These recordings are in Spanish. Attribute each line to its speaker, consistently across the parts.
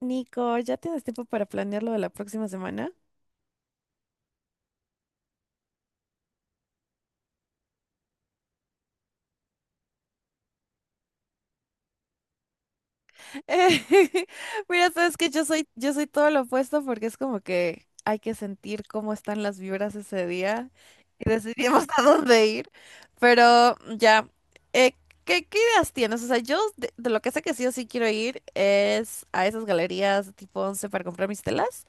Speaker 1: Nico, ¿ya tienes tiempo para planear lo de la próxima semana? Mira, sabes que yo soy todo lo opuesto, porque es como que hay que sentir cómo están las vibras ese día y decidimos a dónde ir. Pero ya, eh, ¿qué ideas tienes? O sea, yo de lo que sé que sí o sí quiero ir es a esas galerías tipo Once para comprar mis telas.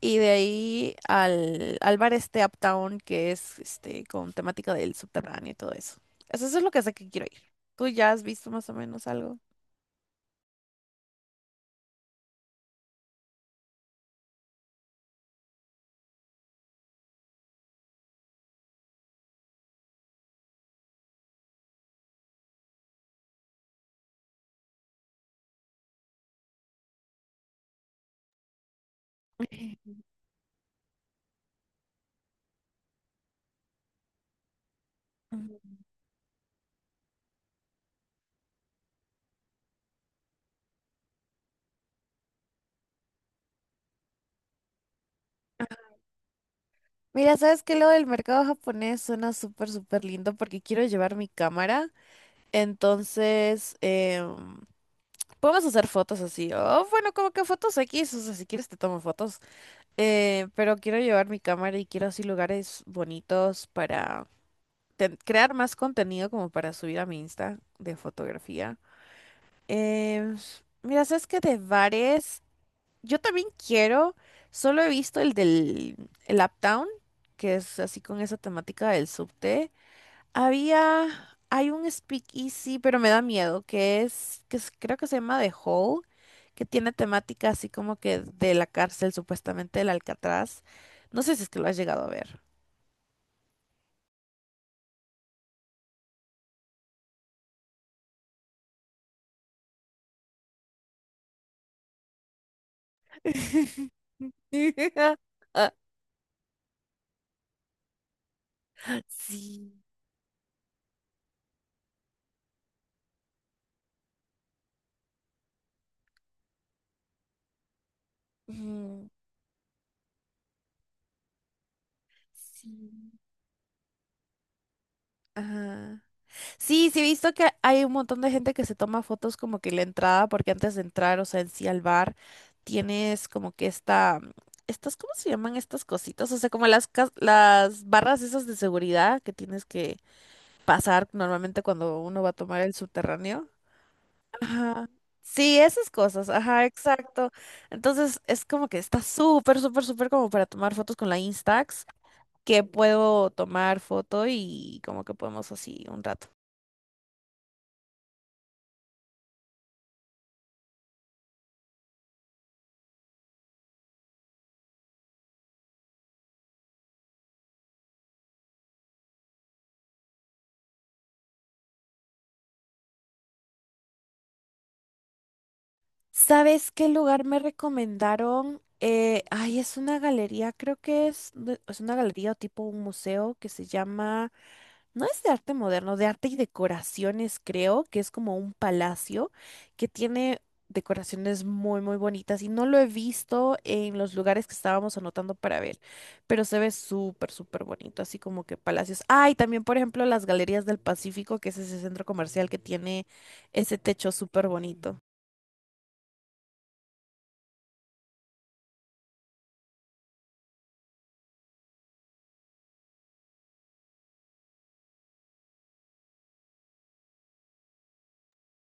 Speaker 1: Y de ahí al bar este Uptown, que es este con temática del subterráneo y todo eso. Eso es lo que sé que quiero ir. ¿Tú ya has visto más o menos algo? Ujú. Mira, ¿sabes qué? Lo del mercado japonés suena súper, súper lindo porque quiero llevar mi cámara. Entonces, podemos hacer fotos así. Oh, bueno, como que fotos X, o sea, si quieres te tomo fotos. Pero quiero llevar mi cámara y quiero así lugares bonitos para crear más contenido como para subir a mi Insta de fotografía. Em, mira, sabes que de bares, yo también quiero, solo he visto el del el Uptown, que es así con esa temática del subte. Hay un speakeasy, pero me da miedo, creo que se llama The Hall, que tiene temática así como que de la cárcel, supuestamente del Alcatraz. No sé si es que lo has llegado a ver. Sí. Mm, sí. Ajá. Sí, sí he visto que hay un montón de gente que se toma fotos como que la entrada, porque antes de entrar, o sea, en sí al bar, tienes como que estas, ¿cómo se llaman estas cositas? O sea, como las barras esas de seguridad que tienes que pasar normalmente cuando uno va a tomar el subterráneo. Ajá. Sí, esas cosas, ajá, exacto. Entonces es como que está súper, súper, súper como para tomar fotos con la Instax, que puedo tomar foto y como que podemos así un rato. ¿Sabes qué lugar me recomendaron? Ay, es una galería, creo es una galería o tipo un museo que se llama... No, es de arte moderno, de arte y decoraciones, creo, que es como un palacio que tiene decoraciones muy, muy bonitas, y no lo he visto en los lugares que estábamos anotando para ver, pero se ve súper, súper bonito, así como que palacios. Ah, y también, por ejemplo, las Galerías del Pacífico, que es ese centro comercial que tiene ese techo súper bonito.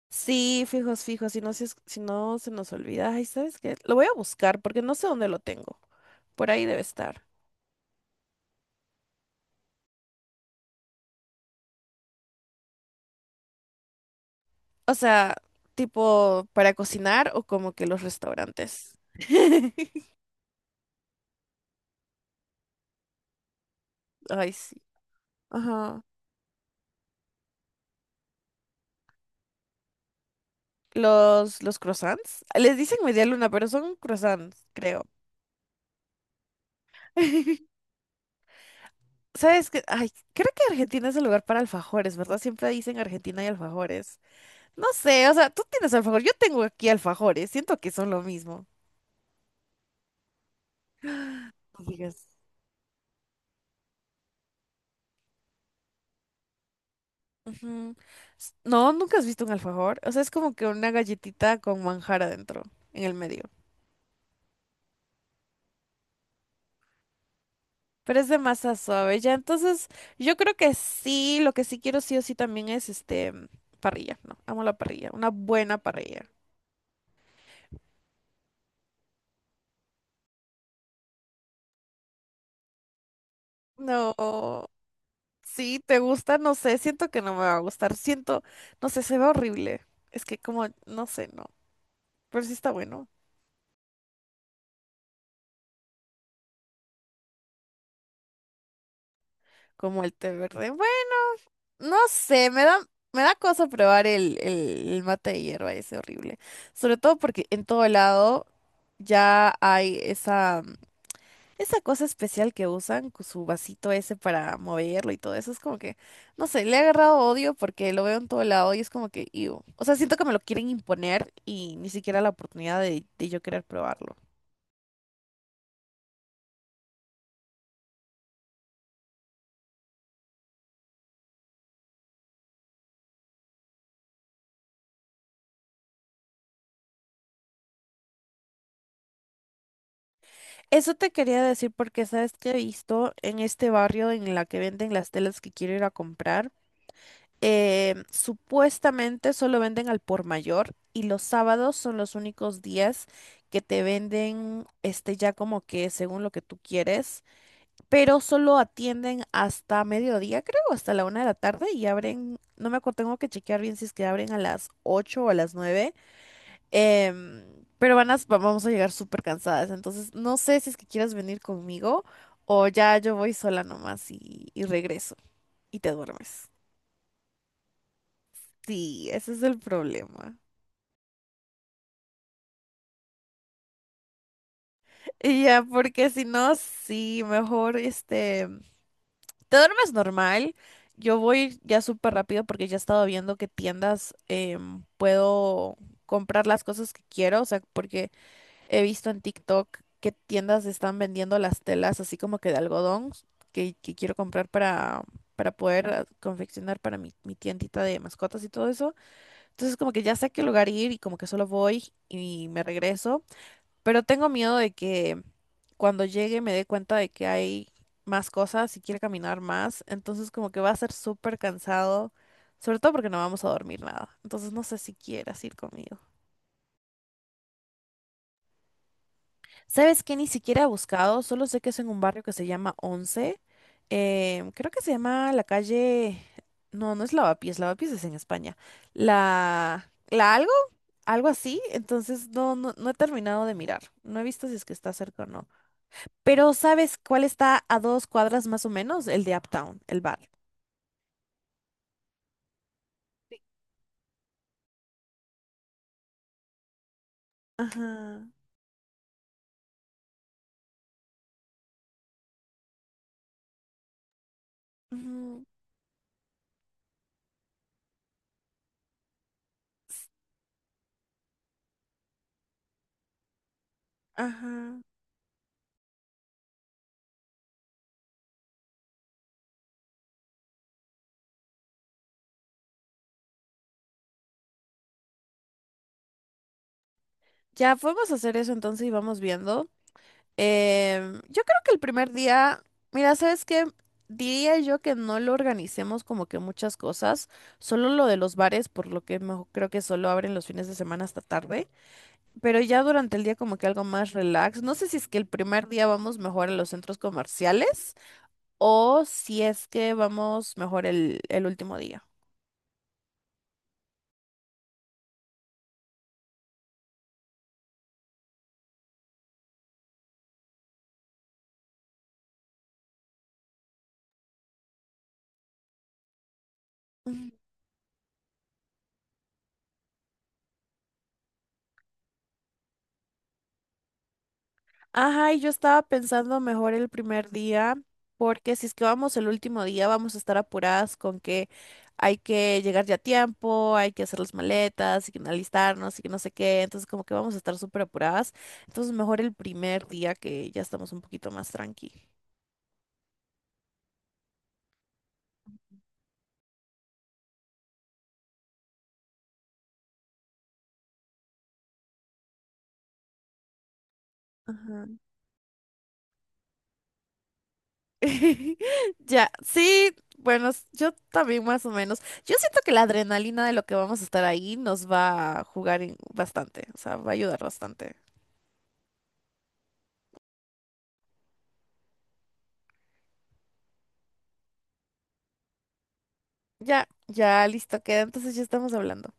Speaker 1: Sí, fijos, fijos, si no, si no se nos olvida, ay, ¿sabes qué? Lo voy a buscar porque no sé dónde lo tengo. Por ahí debe estar. O sea, tipo para cocinar o como que los restaurantes. Ay, sí. Ajá. Los croissants. Les dicen media luna, pero son croissants, creo. ¿Sabes qué? Ay, creo que Argentina es el lugar para alfajores, ¿verdad? Siempre dicen Argentina y alfajores. No sé, o sea, tú tienes alfajor, yo tengo aquí alfajores, siento que son lo mismo. No digas. Ujú. S- no, nunca has visto un alfajor. O sea, es como que una galletita con manjar adentro, en el medio. Pero es de masa suave, ya. Entonces, yo creo que sí, lo que sí quiero sí o sí también es este parrilla, ¿no? Amo la parrilla, una buena parrilla. No, sí, te gusta, no sé, siento que no me va a gustar, siento, no sé, se ve horrible. Es que como, no sé, no, pero sí está bueno, como el té verde. Bueno, no sé, me da cosa probar el mate de hierba, ese horrible. Sobre todo porque en todo lado ya hay esa... Esa cosa especial que usan, su vasito ese para moverlo y todo eso, es como que, no sé, le he agarrado odio porque lo veo en todo lado y es como que, iu. O sea, siento que me lo quieren imponer y ni siquiera la oportunidad de yo querer probarlo. Eso te quería decir porque, ¿sabes que he visto en este barrio en la que venden las telas que quiero ir a comprar? Supuestamente solo venden al por mayor y los sábados son los únicos días que te venden este ya como que según lo que tú quieres, pero solo atienden hasta mediodía, creo, hasta la 1 de la tarde, y abren, no me acuerdo, tengo que chequear bien si es que abren a las 8 o a las 9. em, pero vamos a llegar súper cansadas, entonces no sé si es que quieras venir conmigo, o ya yo voy sola nomás y regreso y te duermes. Sí, ese es el problema. Y ya, porque si no, sí, mejor este... Te duermes normal. Yo voy ya súper rápido porque ya he estado viendo qué tiendas puedo comprar las cosas que quiero. O sea, porque he visto en TikTok qué tiendas están vendiendo las telas así como que de algodón que quiero comprar para poder confeccionar para mi tiendita de mascotas y todo eso. Entonces como que ya sé a qué lugar ir, y como que solo voy y me regreso. Pero tengo miedo de que cuando llegue me dé cuenta de que hay más cosas y quiere caminar más. Entonces como que va a ser súper cansado, sobre todo porque no vamos a dormir nada. Entonces no sé si quieras ir conmigo. ¿Sabes qué? Ni siquiera he buscado, solo sé que es en un barrio que se llama Once. Creo que se llama la calle... No, no es Lavapiés, Lavapiés es en España. La... ¿La algo? Algo así. Entonces no, no, no he terminado de mirar. No he visto si es que está cerca o no. Pero ¿sabes cuál está a dos cuadras más o menos? El de Uptown, el bar. Ajá. Ujú, ajá. Ya podemos hacer eso entonces, y vamos viendo. Yo creo que el primer día, mira, ¿sabes qué? Diría yo que no lo organicemos como que muchas cosas, solo lo de los bares, por lo que creo que solo abren los fines de semana hasta tarde, pero ya durante el día como que algo más relax. No sé si es que el primer día vamos mejor a los centros comerciales, o si es que vamos mejor el último día. Mm. Ajá, y yo estaba pensando mejor el primer día, porque si es que vamos el último día, vamos a estar apuradas con que hay que llegar ya a tiempo, hay que hacer las maletas y que alistarnos y que no sé qué. Entonces, como que vamos a estar súper apuradas. Entonces, mejor el primer día, que ya estamos un poquito más tranqui. Ajá. Ya, sí, bueno, yo también más o menos. Yo siento que la adrenalina de lo que vamos a estar ahí nos va a jugar bastante, o sea, va a ayudar bastante. Ya, ya, listo, queda. Entonces ya estamos hablando.